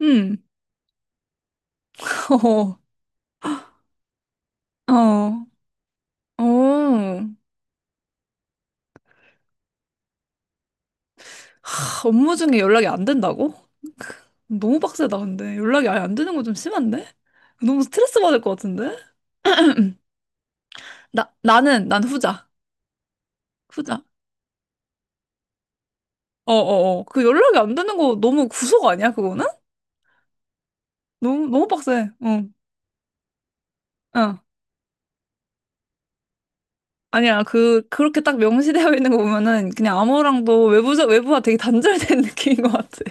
응. 어, 어, 어. 하, 업무 중에 연락이 안 된다고? 너무 빡세다, 근데. 연락이 아예 안 되는 거 좀 심한데? 너무 스트레스 받을 것 같은데? 난 후자. 후자. 어, 어, 어. 그 연락이 안 되는 거 너무 구속 아니야, 그거는? 너무, 너무 빡세. 응, 응. 아니야, 그렇게 딱 명시되어 있는 거 보면은 그냥 아무랑도 외부자, 외부와 되게 단절된 느낌인 것 같아.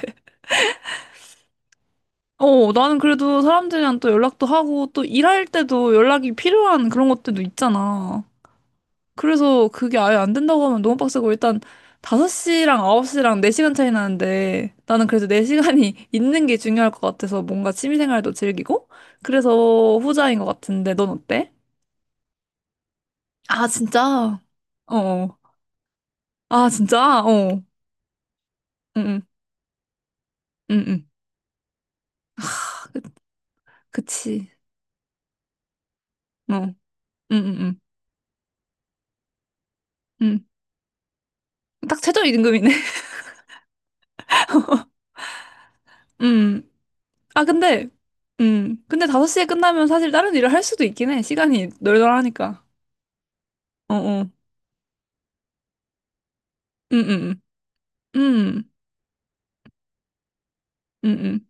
어, 나는 그래도 사람들이랑 또 연락도 하고 또 일할 때도 연락이 필요한 그런 것들도 있잖아. 그래서 그게 아예 안 된다고 하면 너무 빡세고 일단 5시랑 9시랑 4시간 차이 나는데 나는 그래도 네 시간이 있는 게 중요할 것 같아서 뭔가 취미생활도 즐기고 그래서 후자인 것 같은데 넌 어때? 아, 진짜? 어. 어. 아, 진짜? 어. 응, 응, 응, 응. 그, 그치. 어. 응, 응, 응. 응. 딱 최저임금이네. 응. 아, 근데 5시에 끝나면 사실 다른 일을 할 수도 있긴 해. 시간이 널널하니까. 어, 어. 음, 음, 음, 음, 음, 음.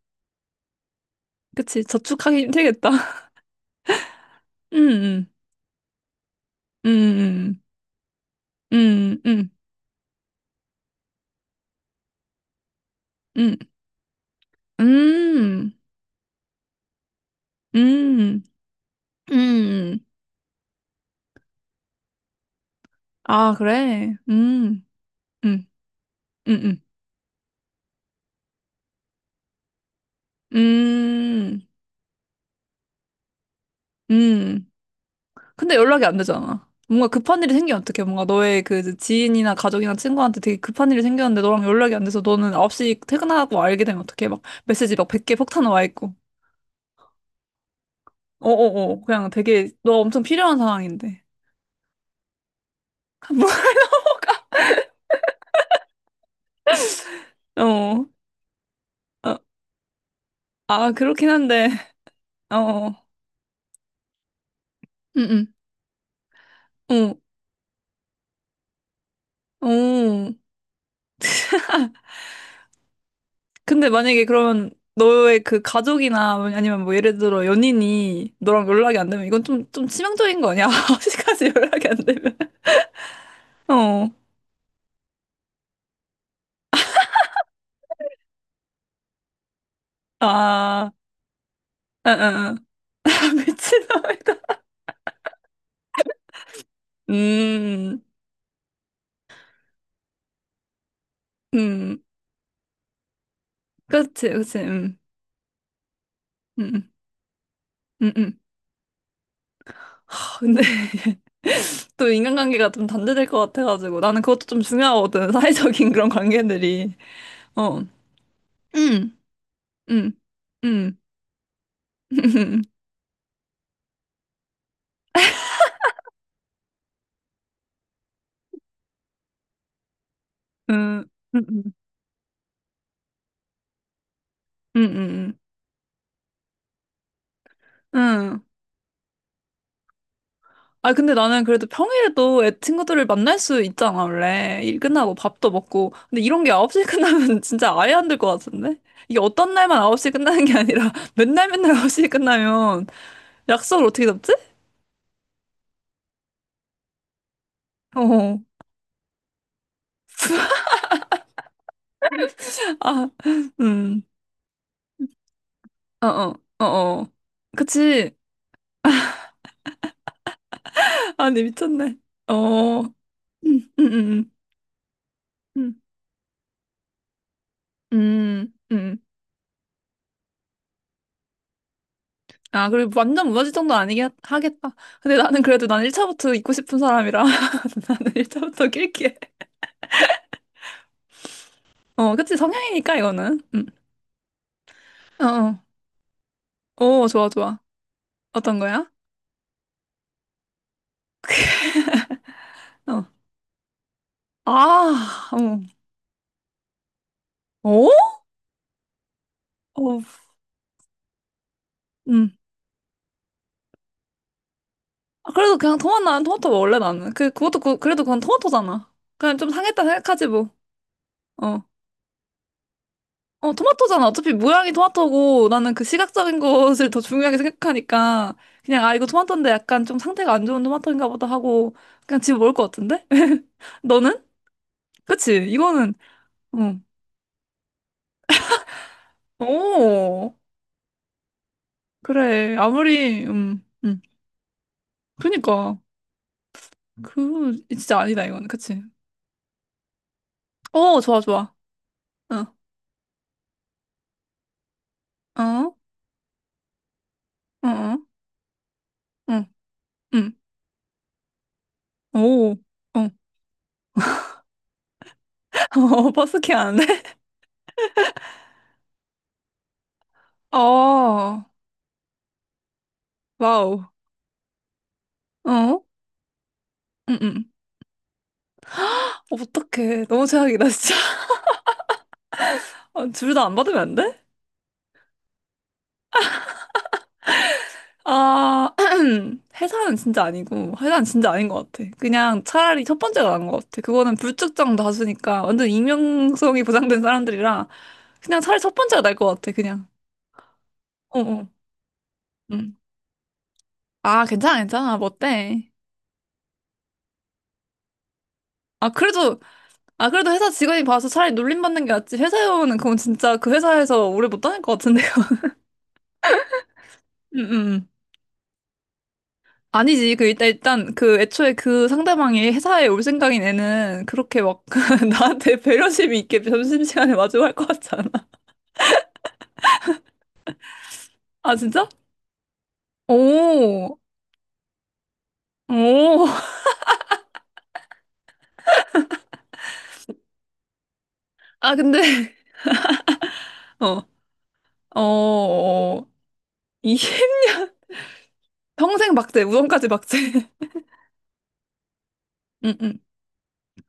그치. 저축하기 힘들겠다. 음, 음, 음, 음, 음, 음, 음, 음, 음. 음. 아, 그래. 음, 음, 음, 음, 음. 근데 연락이 안 되잖아. 뭔가 급한 일이 생기면 어떡해. 뭔가 너의 그 지인이나 가족이나 친구한테 되게 급한 일이 생겼는데 너랑 연락이 안 돼서 너는 9시 퇴근하고 알게 되면 어떡해. 막 메시지 막 100개 폭탄 와 있고. 어어어. 그냥 되게 너 엄청 필요한 상황인데. 뭐, 어. 어. 아, 그렇긴 한데. 어. 응, 응. 어. 어. 근데 만약에 그러면 너의 그 가족이나 뭐 아니면 뭐 예를 들어 연인이 너랑 연락이 안 되면 이건 좀 치명적인 거 아니야? 9시까지 연락이 안 되면. 어. 아, 응, 응, 응. 다 미친놈이다. 음, 음, 그렇지, 그렇지, 음, 음. 하, 근데 또 인간관계가 좀 단절될 것 같아가지고 나는 그것도 좀 중요하거든. 사회적인 그런 관계들이. 어, 음, 음, 음, 음, 음, 음, 음, 음, 음, 음. 아, 근데 나는 그래도 평일에도 애 친구들을 만날 수 있잖아, 원래. 일 끝나고 밥도 먹고. 근데 이런 게 9시 에 끝나면 진짜 아예 안 될 것 같은데? 이게 어떤 날만 9시 에 끝나는 게 아니라 맨날 맨날 9시 에 끝나면 약속을 어떻게 잡지? 어, 아, 음, 어, 어, 어, 어. 그치. 아니, 미쳤네. 어, 음, 음, 음, 음. 아, 그리고 완전 무너질 정도는 아니긴 하겠다. 근데 나는 그래도 난 1차부터 있고 싶은 사람이라 나는 1차부터 낄게. 어, 그치, 성향이니까, 이거는. 음. 어, 어. 오, 좋아, 좋아. 어떤 거야? 어. 아, 어. 어? 어, 음. 아, 그래도 그냥 토마토, 나는 토마토 먹을래, 나는. 그래도 그건 토마토잖아. 그냥 좀 상했다 생각하지, 뭐. 어. 어, 토마토잖아. 어차피 모양이 토마토고, 나는 그 시각적인 것을 더 중요하게 생각하니까, 그냥, 아, 이거 토마토인데 약간 좀 상태가 안 좋은 토마토인가 보다 하고, 그냥 집에 먹을 것 같은데? 너는? 그치, 이거는, 응. 오, 그래. 아무리, 음. 그니까 그 진짜 아니다 이거는 그치? 어 좋아 좋아 응어 어? 어? 응응오 어? 어? 버스킹 하는데 어 와우 어 응응 어떡해 너무 최악이다 진짜 둘 다 안 받으면 안 돼? 아 회사는 진짜 아니고 회사는 진짜 아닌 것 같아 그냥 차라리 첫 번째가 나은 것 같아 그거는 불특정 다수니까 완전 익명성이 보장된 사람들이라 그냥 차라리 첫 번째가 나을 것 같아 그냥 어어 아, 괜찮아, 괜찮아. 뭐 어때? 아, 그래도, 아, 그래도 회사 직원이 봐서 차라리 놀림받는 게 낫지. 회사에 오면 그건 진짜 그 회사에서 오래 못 다닐 것 같은데요. 음, 음. 아니지. 그, 일단, 그, 애초에 그 상대방이 회사에 올 생각인 애는 그렇게 막, 나한테 배려심이 있게 점심시간에 마주할 것 같지 않아? 아, 진짜? 오, 오. 아, 근데, 어, 어, 어. 이, 평생 박제, 우정까지 박제. 응응.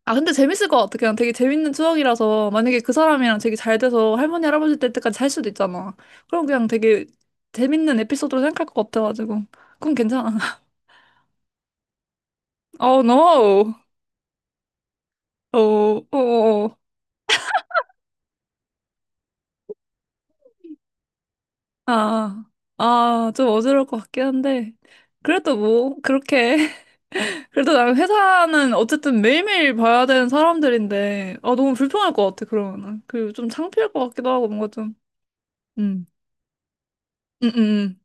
아, 근데 재밌을 것 같아. 그냥 되게 재밌는 추억이라서 만약에 그 사람이랑 되게 잘 돼서 할머니, 할아버지 될 때까지 살 수도 있잖아. 그럼 그냥 되게 재밌는 에피소드로 생각할 것 같아가지고. 그럼 괜찮아. Oh no. 어, 어, 어. 어, 어. 아, 아, 아, 좀 어지러울 것 같긴 한데. 그래도 뭐, 그렇게. 그래도 나는 회사는 어쨌든 매일매일 봐야 되는 사람들인데, 아, 너무 불편할 것 같아, 그러면은. 그리고 좀 창피할 것 같기도 하고, 뭔가 좀. 음, 음.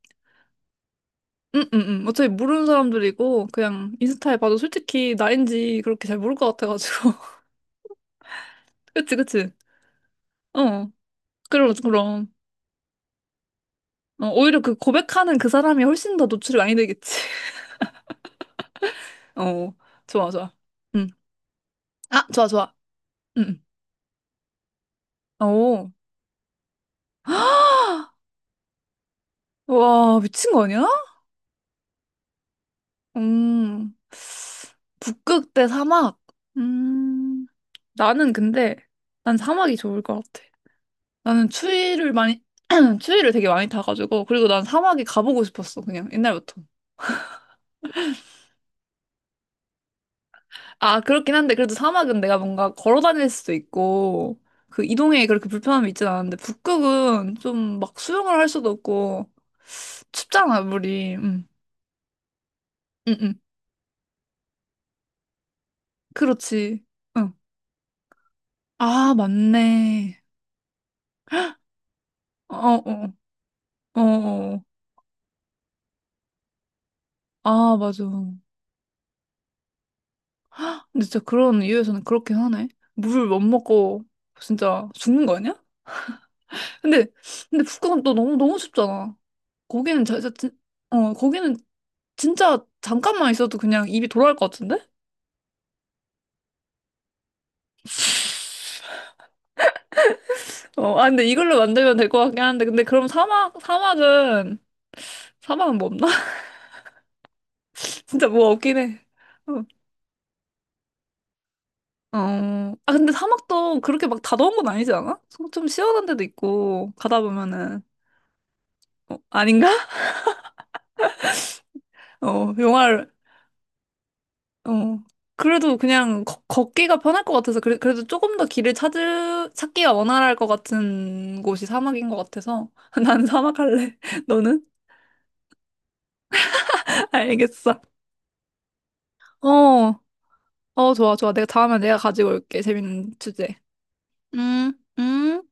어차피 모르는 사람들이고, 그냥 인스타에 봐도 솔직히 나인지 그렇게 잘 모를 것 같아가지고. 그치, 그치. 어. 그럼, 그럼. 어, 오히려 그 고백하는 그 사람이 훨씬 더 노출이 많이 되겠지. 어. 좋아, 좋아. 응. 아, 좋아, 좋아. 응. 응. 오. 와, 미친 거 아니야? 음. 북극 대 사막. 음. 나는 근데, 난 사막이 좋을 것 같아. 나는 추위를 많이, 추위를 되게 많이 타가지고, 그리고 난 사막에 가보고 싶었어, 그냥, 옛날부터. 아, 그렇긴 한데, 그래도 사막은 내가 뭔가 걸어 다닐 수도 있고, 그 이동에 그렇게 불편함이 있진 않은데, 북극은 좀 막 수영을 할 수도 없고, 춥잖아, 물이. 응, 응, 응. 그렇지. 응. 아, 맞네. 어, 어, 어, 어. 아, 맞아. 근데 진짜 그런 이유에서는 그렇긴 하네. 물 못 먹고, 진짜 죽는 거 아니야? 근데 근데 북극은 또 너무 너무 춥잖아. 거기는 진짜 어 거기는 진짜 잠깐만 있어도 그냥 입이 돌아갈 것 같은데? 어, 아 근데 이걸로 만들면 될 것 같긴 한데 근데 그럼 사막은 뭐 없나? 진짜 뭐 없긴 해. 어. 어, 아 근데 사막도 그렇게 막 다 더운 건 아니지 않아? 좀 시원한 데도 있고 가다 보면은 어, 아닌가? 어, 영화를 어. 그래도 그냥 걷기가 편할 것 같아서 그래, 그래도 조금 더 길을 찾을 찾기가 원활할 것 같은 곳이 사막인 것 같아서 난 사막 할래. 너는? 알겠어. 어, 어, 좋아, 좋아. 내가 다음에 내가 가지고 올게. 재밌는 주제. 음, 음.